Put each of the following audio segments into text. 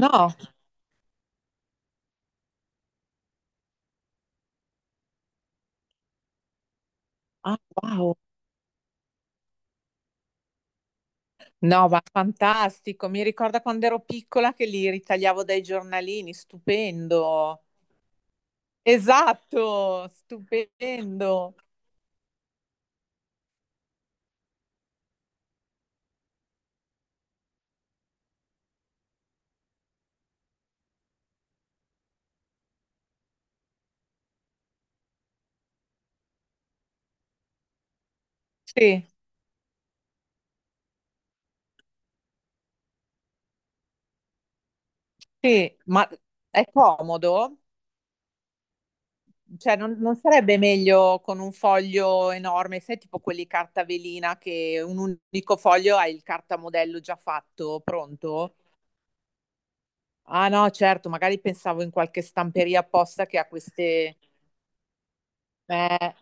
No, ah, wow. No, ma fantastico. Mi ricorda quando ero piccola che li ritagliavo dai giornalini, stupendo. Esatto, stupendo. Sì, sì, ma è comodo? Cioè, non sarebbe meglio con un foglio enorme, sai, tipo quelli carta velina che un unico foglio hai il cartamodello già fatto, pronto? Ah no, certo, magari pensavo in qualche stamperia apposta che ha queste... Eh,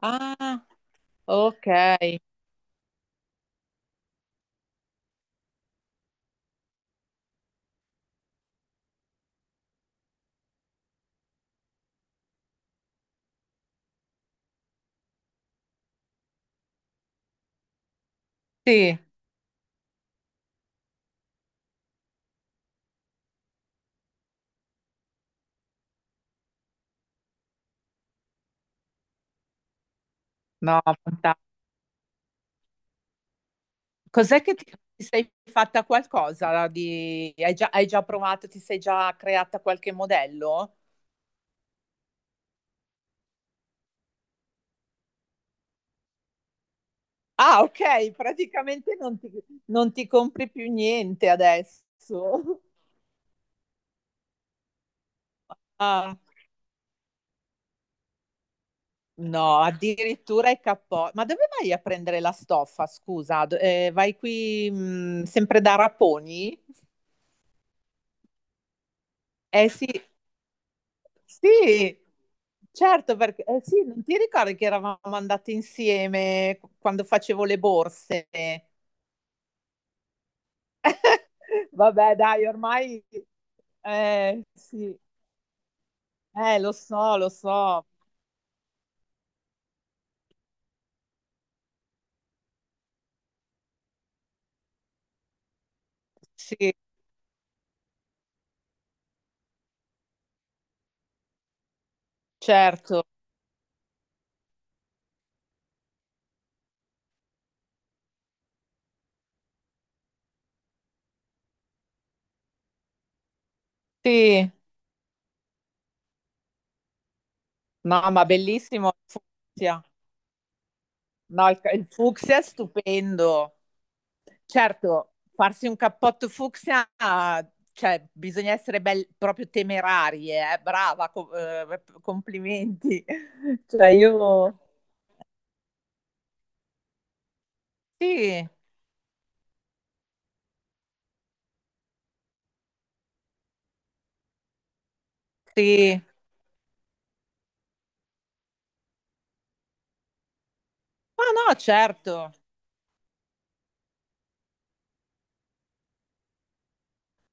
ah, ok, sì, no, fantastico. Cos'è che ti sei fatta qualcosa di... Hai già provato, ti sei già creata qualche modello? Ah, ok, praticamente non ti compri più niente adesso. Ah, no, addirittura i cappotto. Ma dove vai a prendere la stoffa? Scusa, vai qui sempre da Raponi? Eh sì, sì, certo, perché sì, non ti ricordi che eravamo andate insieme quando facevo le borse? Vabbè, dai, ormai sì, lo so, lo so. Sì, certo. Sì. No, ma bellissimo il fucsia. No, il fucsia è stupendo. Certo, farsi un cappotto fucsia, cioè bisogna essere proprio temerarie, brava, complimenti. Cioè io... Sì, sì. Ma no, certo.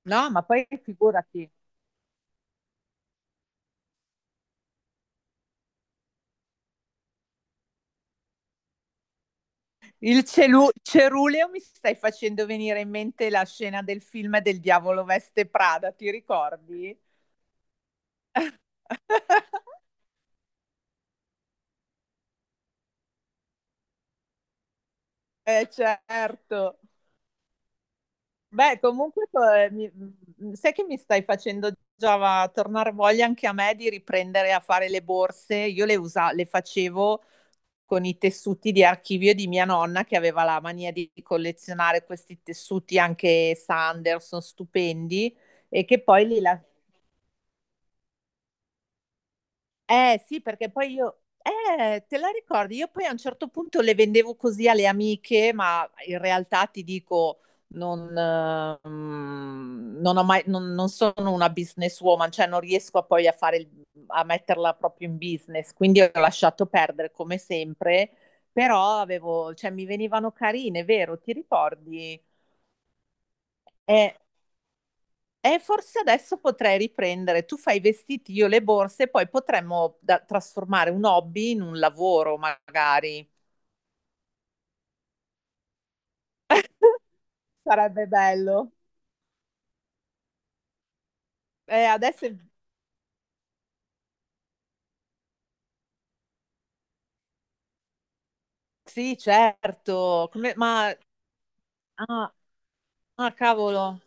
No, ma poi figurati. Il ceruleo mi stai facendo venire in mente la scena del film del diavolo veste Prada, ti ricordi? Eh certo. Beh, comunque sai che mi stai facendo tornare voglia anche a me di riprendere a fare le borse. Io le facevo con i tessuti di archivio di mia nonna che aveva la mania di collezionare questi tessuti anche Sanderson, stupendi, e che poi li, la- Eh sì, perché poi io, te la ricordi? Io poi a un certo punto le vendevo così alle amiche, ma in realtà ti dico, non, non ho mai, non sono una businesswoman, cioè non riesco a poi a fare, il- a metterla proprio in business, quindi ho lasciato perdere come sempre, però avevo, cioè mi venivano carine, vero? Ti ricordi? Eh, e forse adesso potrei riprendere. Tu fai i vestiti, io le borse, poi potremmo trasformare un hobby in un lavoro, magari. Sarebbe bello. Eh, adesso è- sì, certo. Ah, ah, cavolo,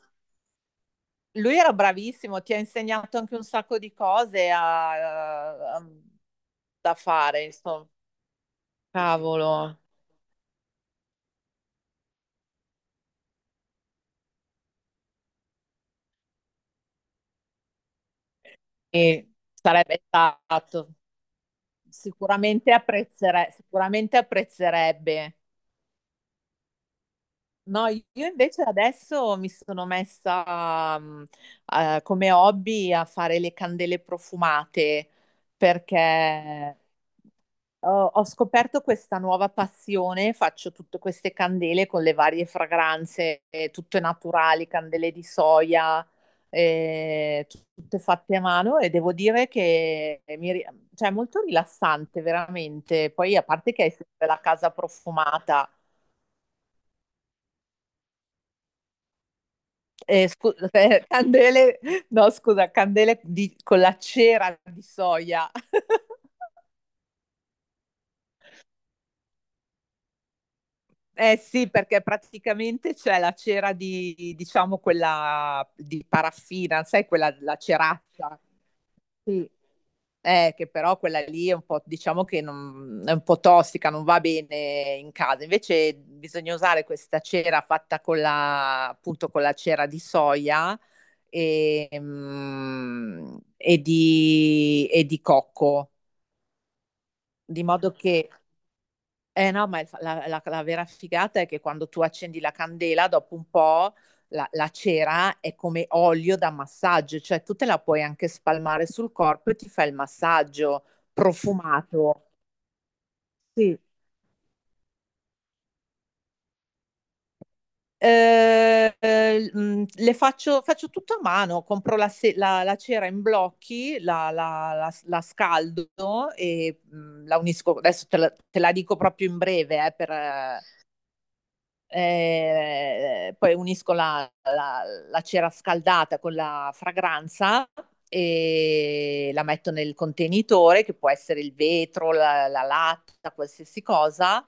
lui era bravissimo, ti ha insegnato anche un sacco di cose da fare, insomma. Cavolo, e sarebbe stato sicuramente sicuramente apprezzerebbe. No, io invece adesso mi sono messa come hobby a fare le candele profumate perché ho scoperto questa nuova passione, faccio tutte queste candele con le varie fragranze, tutte naturali, candele di soia, eh, tutte fatte a mano e devo dire che cioè, è molto rilassante veramente. Poi a parte che hai sempre la casa profumata. Eh, scu- eh, candele, no, scusa, con la cera di soia. Eh sì, perché praticamente c'è la cera di, diciamo, quella di paraffina, sai, quella, la ceraccia. Sì. Che però quella lì è un po', diciamo che è un po' tossica, non va bene in casa. Invece bisogna usare questa cera fatta con la, appunto, con la cera di soia e, e di cocco. Di modo che no, ma il fa la la la vera figata è che quando tu accendi la candela, dopo un po' la cera è come olio da massaggio, cioè tu te la puoi anche spalmare sul corpo e ti fai il massaggio profumato. Sì. Ehm, le faccio tutto a mano, compro la se la la cera in blocchi, la scaldo e, la unisco adesso te la dico proprio in breve, per poi unisco la cera scaldata con la fragranza e la metto nel contenitore che può essere il vetro, la latta, qualsiasi cosa.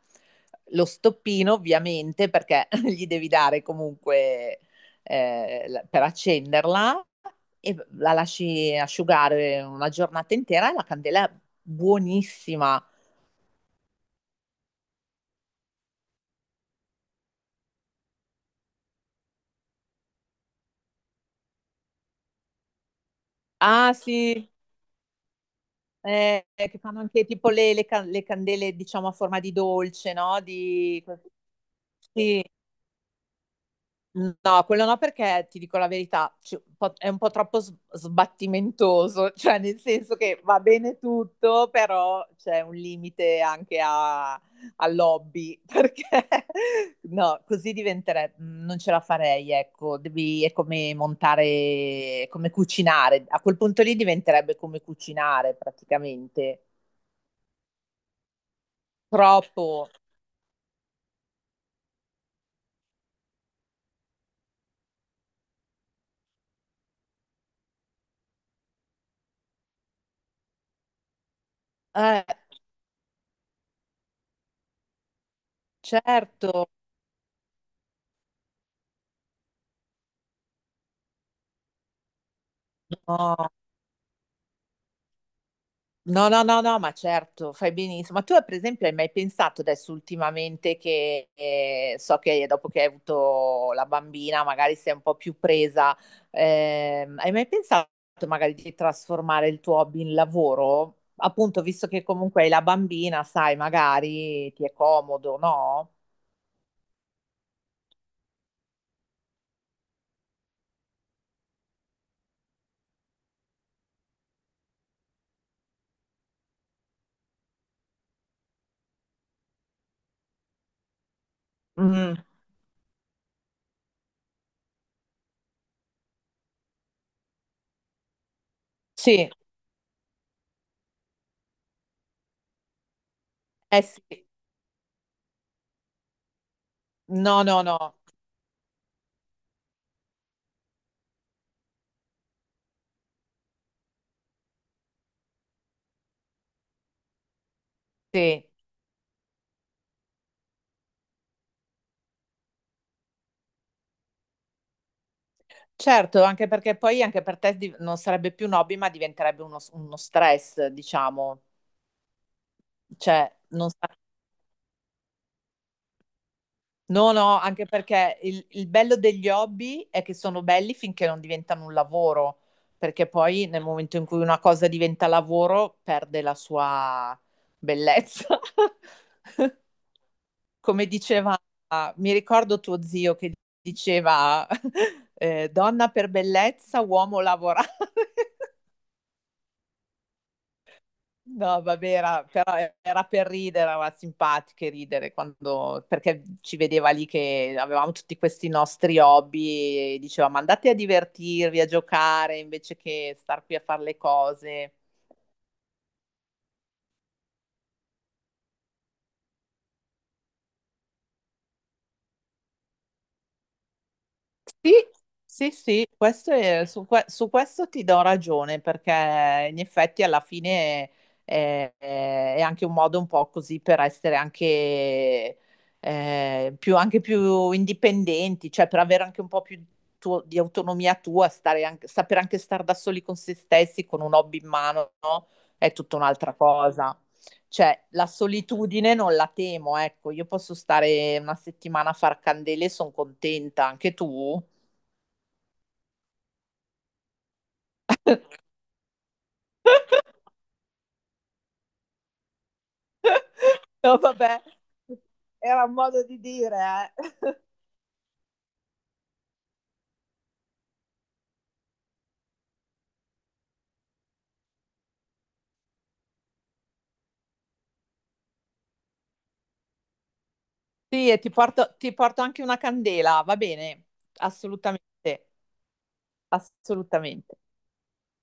Lo stoppino ovviamente perché gli devi dare comunque per accenderla e la lasci asciugare una giornata intera e la candela è buonissima. Ah sì, che fanno anche tipo le candele, diciamo, a forma di dolce, no? Di... Sì. No, quello no perché ti dico la verità, è un po' troppo sbattimentoso, cioè nel senso che va bene tutto, però c'è un limite anche all'hobby, perché no, così diventerebbe, non ce la farei, ecco, devi, è come montare, come cucinare, a quel punto lì diventerebbe come cucinare praticamente, troppo. Eh, certo, no, no, no, no, no, ma certo, fai benissimo. Ma tu, per esempio, hai mai pensato adesso ultimamente che so che dopo che hai avuto la bambina, magari sei un po' più presa, hai mai pensato magari di trasformare il tuo hobby in lavoro? Appunto, visto che comunque hai la bambina, sai, magari ti è comodo, no? Mm, sì, eh sì, no, no, no, sì. Certo, anche perché poi anche per te div non sarebbe più un hobby, ma diventerebbe uno stress, diciamo. Cioè, non sa no, no, anche perché il bello degli hobby è che sono belli finché non diventano un lavoro, perché poi nel momento in cui una cosa diventa lavoro perde la sua bellezza. Come diceva mi ricordo tuo zio che diceva, "Donna per bellezza, uomo lavorare." No, vabbè, però era per ridere, era simpatico e ridere quando, perché ci vedeva lì che avevamo tutti questi nostri hobby e diceva, ma andate a divertirvi, a giocare, invece che star qui a fare le cose. Sì, sì, sì, questo su questo ti do ragione perché in effetti alla fine anche un modo un po' così per essere anche più indipendenti, cioè per avere anche un po' più di autonomia tua, saper anche stare da soli con se stessi, con un hobby in mano, no? È tutta un'altra cosa. Cioè, la solitudine non la temo, ecco, io posso stare una settimana a far candele e sono contenta, anche tu? No, vabbè, era un modo di dire, eh. Sì, e ti porto anche una candela, va bene? Assolutamente, assolutamente.